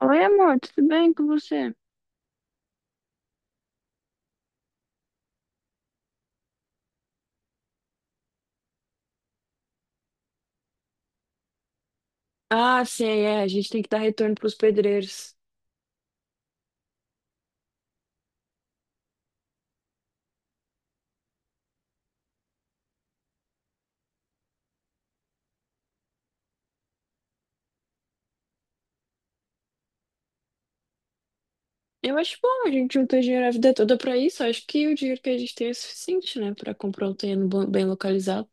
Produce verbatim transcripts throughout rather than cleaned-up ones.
Oi, amor, tudo bem com você? Ah, sim, é. A gente tem que dar retorno pros pedreiros. Eu acho bom, a gente juntou dinheiro a vida toda pra isso. Acho que o dinheiro que a gente tem é suficiente, né, pra comprar um terreno bom- bem localizado.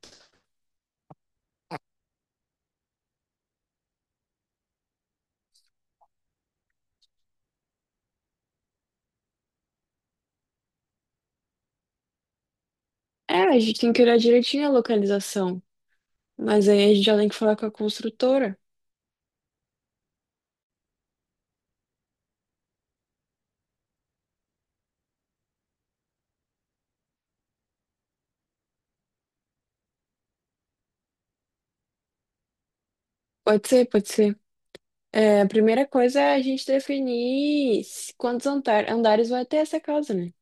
É, a gente tem que olhar direitinho a localização. Mas aí a gente já tem que falar com a construtora. Pode ser, pode ser. É, a primeira coisa é a gente definir se- quantos andar- andares vai ter essa casa, né?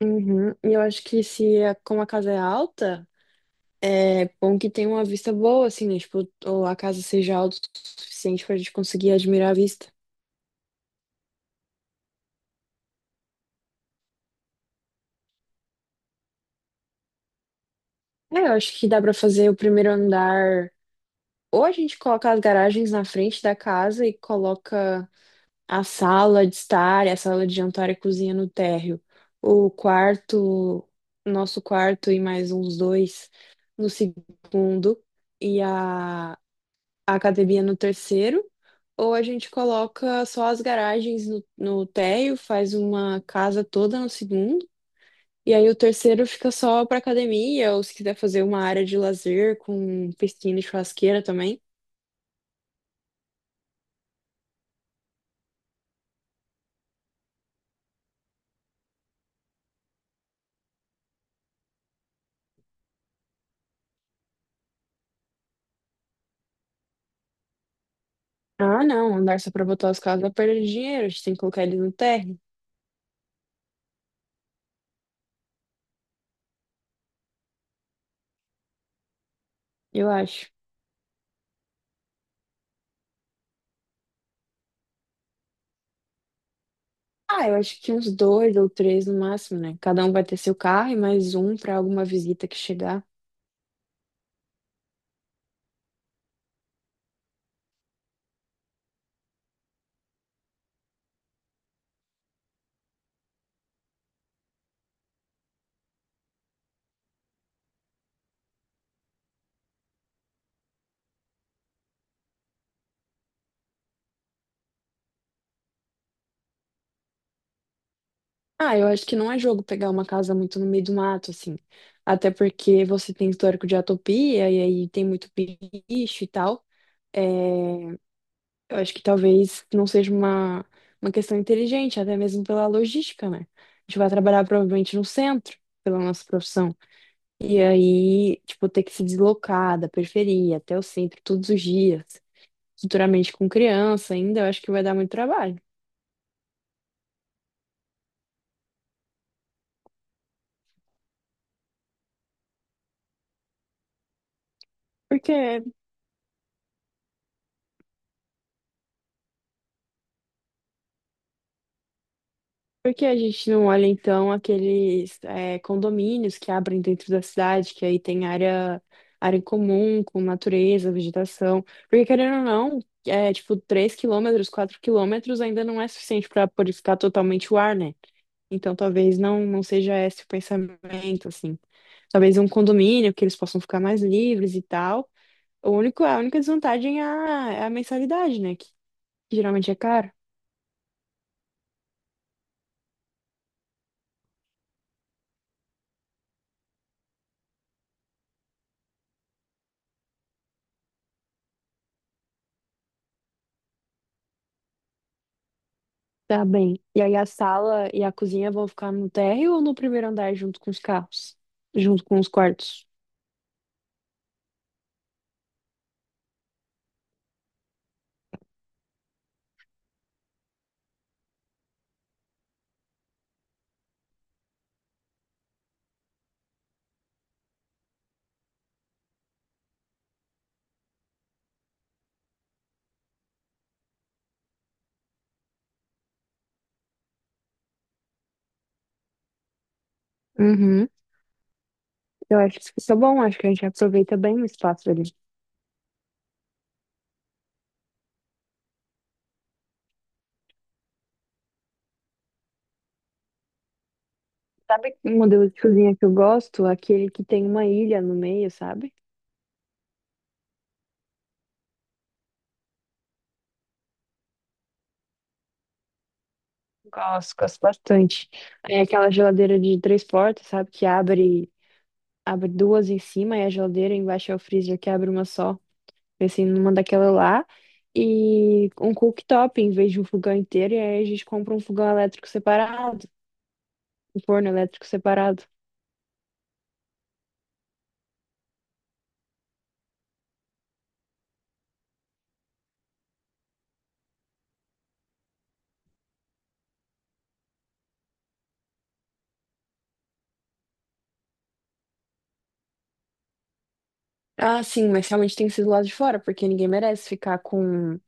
Uhum. E eu acho que se a- como a casa é alta. É bom que tenha uma vista boa, assim, né? Tipo, ou a casa seja alta o suficiente pra gente conseguir admirar a vista. É, eu acho que dá pra fazer o primeiro andar. Ou a gente coloca as garagens na frente da casa e coloca a sala de estar, a sala de jantar e cozinha no térreo. O quarto, nosso quarto e mais uns dois no segundo. E a a academia no terceiro, ou a gente coloca só as garagens no, no térreo, faz uma casa toda no segundo, e aí o terceiro fica só para academia, ou se quiser fazer uma área de lazer com piscina e churrasqueira também. Ah, não, andar só para botar os carros dá perda de dinheiro, a gente tem que colocar eles no térreo, eu acho. Ah, eu acho que uns dois ou três no máximo, né? Cada um vai ter seu carro e mais um para alguma visita que chegar. Ah, eu acho que não é jogo pegar uma casa muito no meio do mato, assim. Até porque você tem histórico de atopia e aí tem muito bicho e tal. É, eu acho que talvez não seja uma, uma questão inteligente, até mesmo pela logística, né? A gente vai trabalhar provavelmente no centro, pela nossa profissão. E aí, tipo, ter que se deslocar da periferia até o centro todos os dias, futuramente com criança ainda, eu acho que vai dar muito trabalho. Porque Por que a gente não olha, então, aqueles é, condomínios que abrem dentro da cidade, que aí tem área, área em comum, com natureza, vegetação? Porque, querendo ou não, é tipo três quilômetros, quatro quilômetros ainda não é suficiente para purificar totalmente o ar, né? Então, talvez não, não seja esse o pensamento, assim. Talvez um condomínio que eles possam ficar mais livres e tal. O único, a única desvantagem é a, é a mensalidade, né? Que geralmente é caro. Tá bem. E aí a sala e a cozinha vão ficar no térreo ou no primeiro andar junto com os carros? Junto com os quartos? Uhum. Eu acho que isso é bom, acho que a gente aproveita bem o espaço ali. Sabe um modelo de cozinha que eu gosto? Aquele que tem uma ilha no meio, sabe? Gosto, gosto bastante. É aquela geladeira de três portas, sabe? Que abre, abre duas em cima e a geladeira embaixo é o freezer que abre uma só. Pensei numa daquela lá e um cooktop em vez de um fogão inteiro. E aí a gente compra um fogão elétrico separado, um forno elétrico separado. Ah, sim, mas realmente tem que ser do lado de fora, porque ninguém merece ficar com,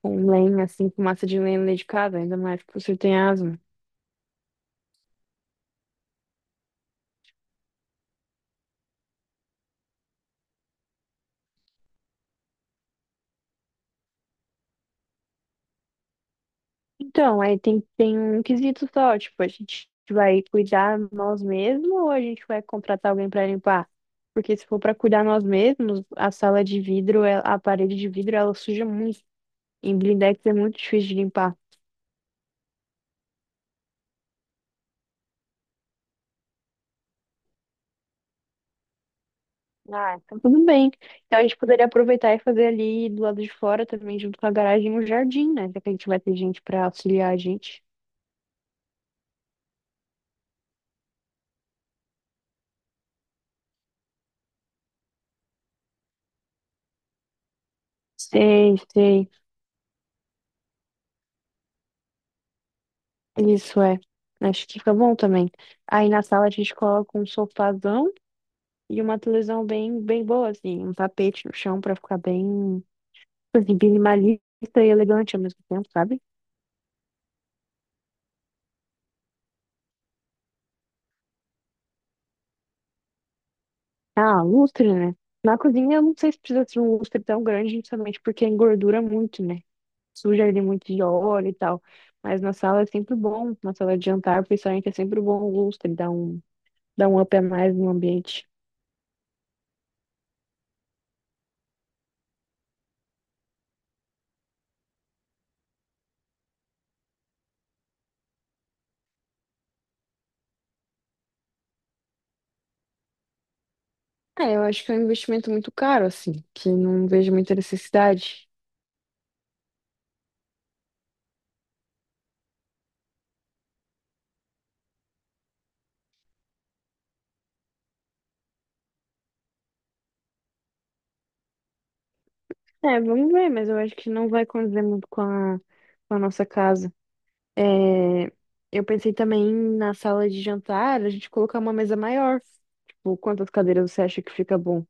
com lenha, assim, com massa de lenha dedicada, ainda mais que você tem asma. Então, aí tem, tem um quesito só, tipo, a gente vai cuidar nós mesmos ou a gente vai contratar alguém para limpar? Porque se for para cuidar nós mesmos, a sala de vidro, ela- a parede de vidro, ela suja muito. Em blindex é muito difícil de limpar. Ah, então tudo bem. Então a gente poderia aproveitar e fazer ali do lado de fora também, junto com a garagem, um jardim, né? Já que a gente vai ter gente para auxiliar a gente. Sei, sei. Isso é. Acho que fica bom também. Aí na sala a gente coloca um sofazão e uma televisão bem, bem boa, assim. Um tapete no chão pra ficar bem, assim, minimalista e elegante ao mesmo tempo, sabe? Ah, lustre, né? Na cozinha eu não sei se precisa ser um lustre tão grande, justamente porque engordura muito, né? Suja ele muito de óleo e tal. Mas na sala é sempre bom, na sala de jantar, principalmente, é sempre bom o lustre, dá um, dá um up a mais no ambiente. É, eu acho que é um investimento muito caro, assim, que não vejo muita necessidade. É, vamos ver, mas eu acho que não vai condizer muito com a, com a nossa casa. É, eu pensei também na sala de jantar, a gente colocar uma mesa maior. Tipo, quantas cadeiras você acha que fica bom?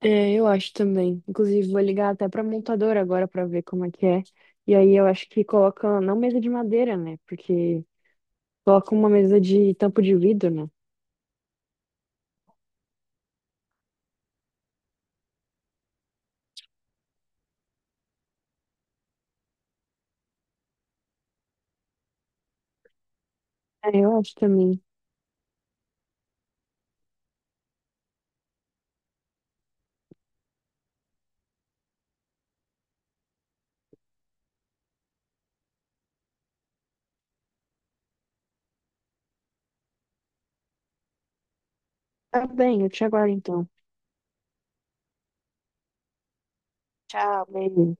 É, eu acho também. Inclusive, vou ligar até pra montadora agora pra ver como é que é. E aí eu acho que coloca, não mesa de madeira, né? Porque coloca uma mesa de tampo de vidro, né? É, eu acho também. Tá bem, eu te aguardo então. Tchau, beijo.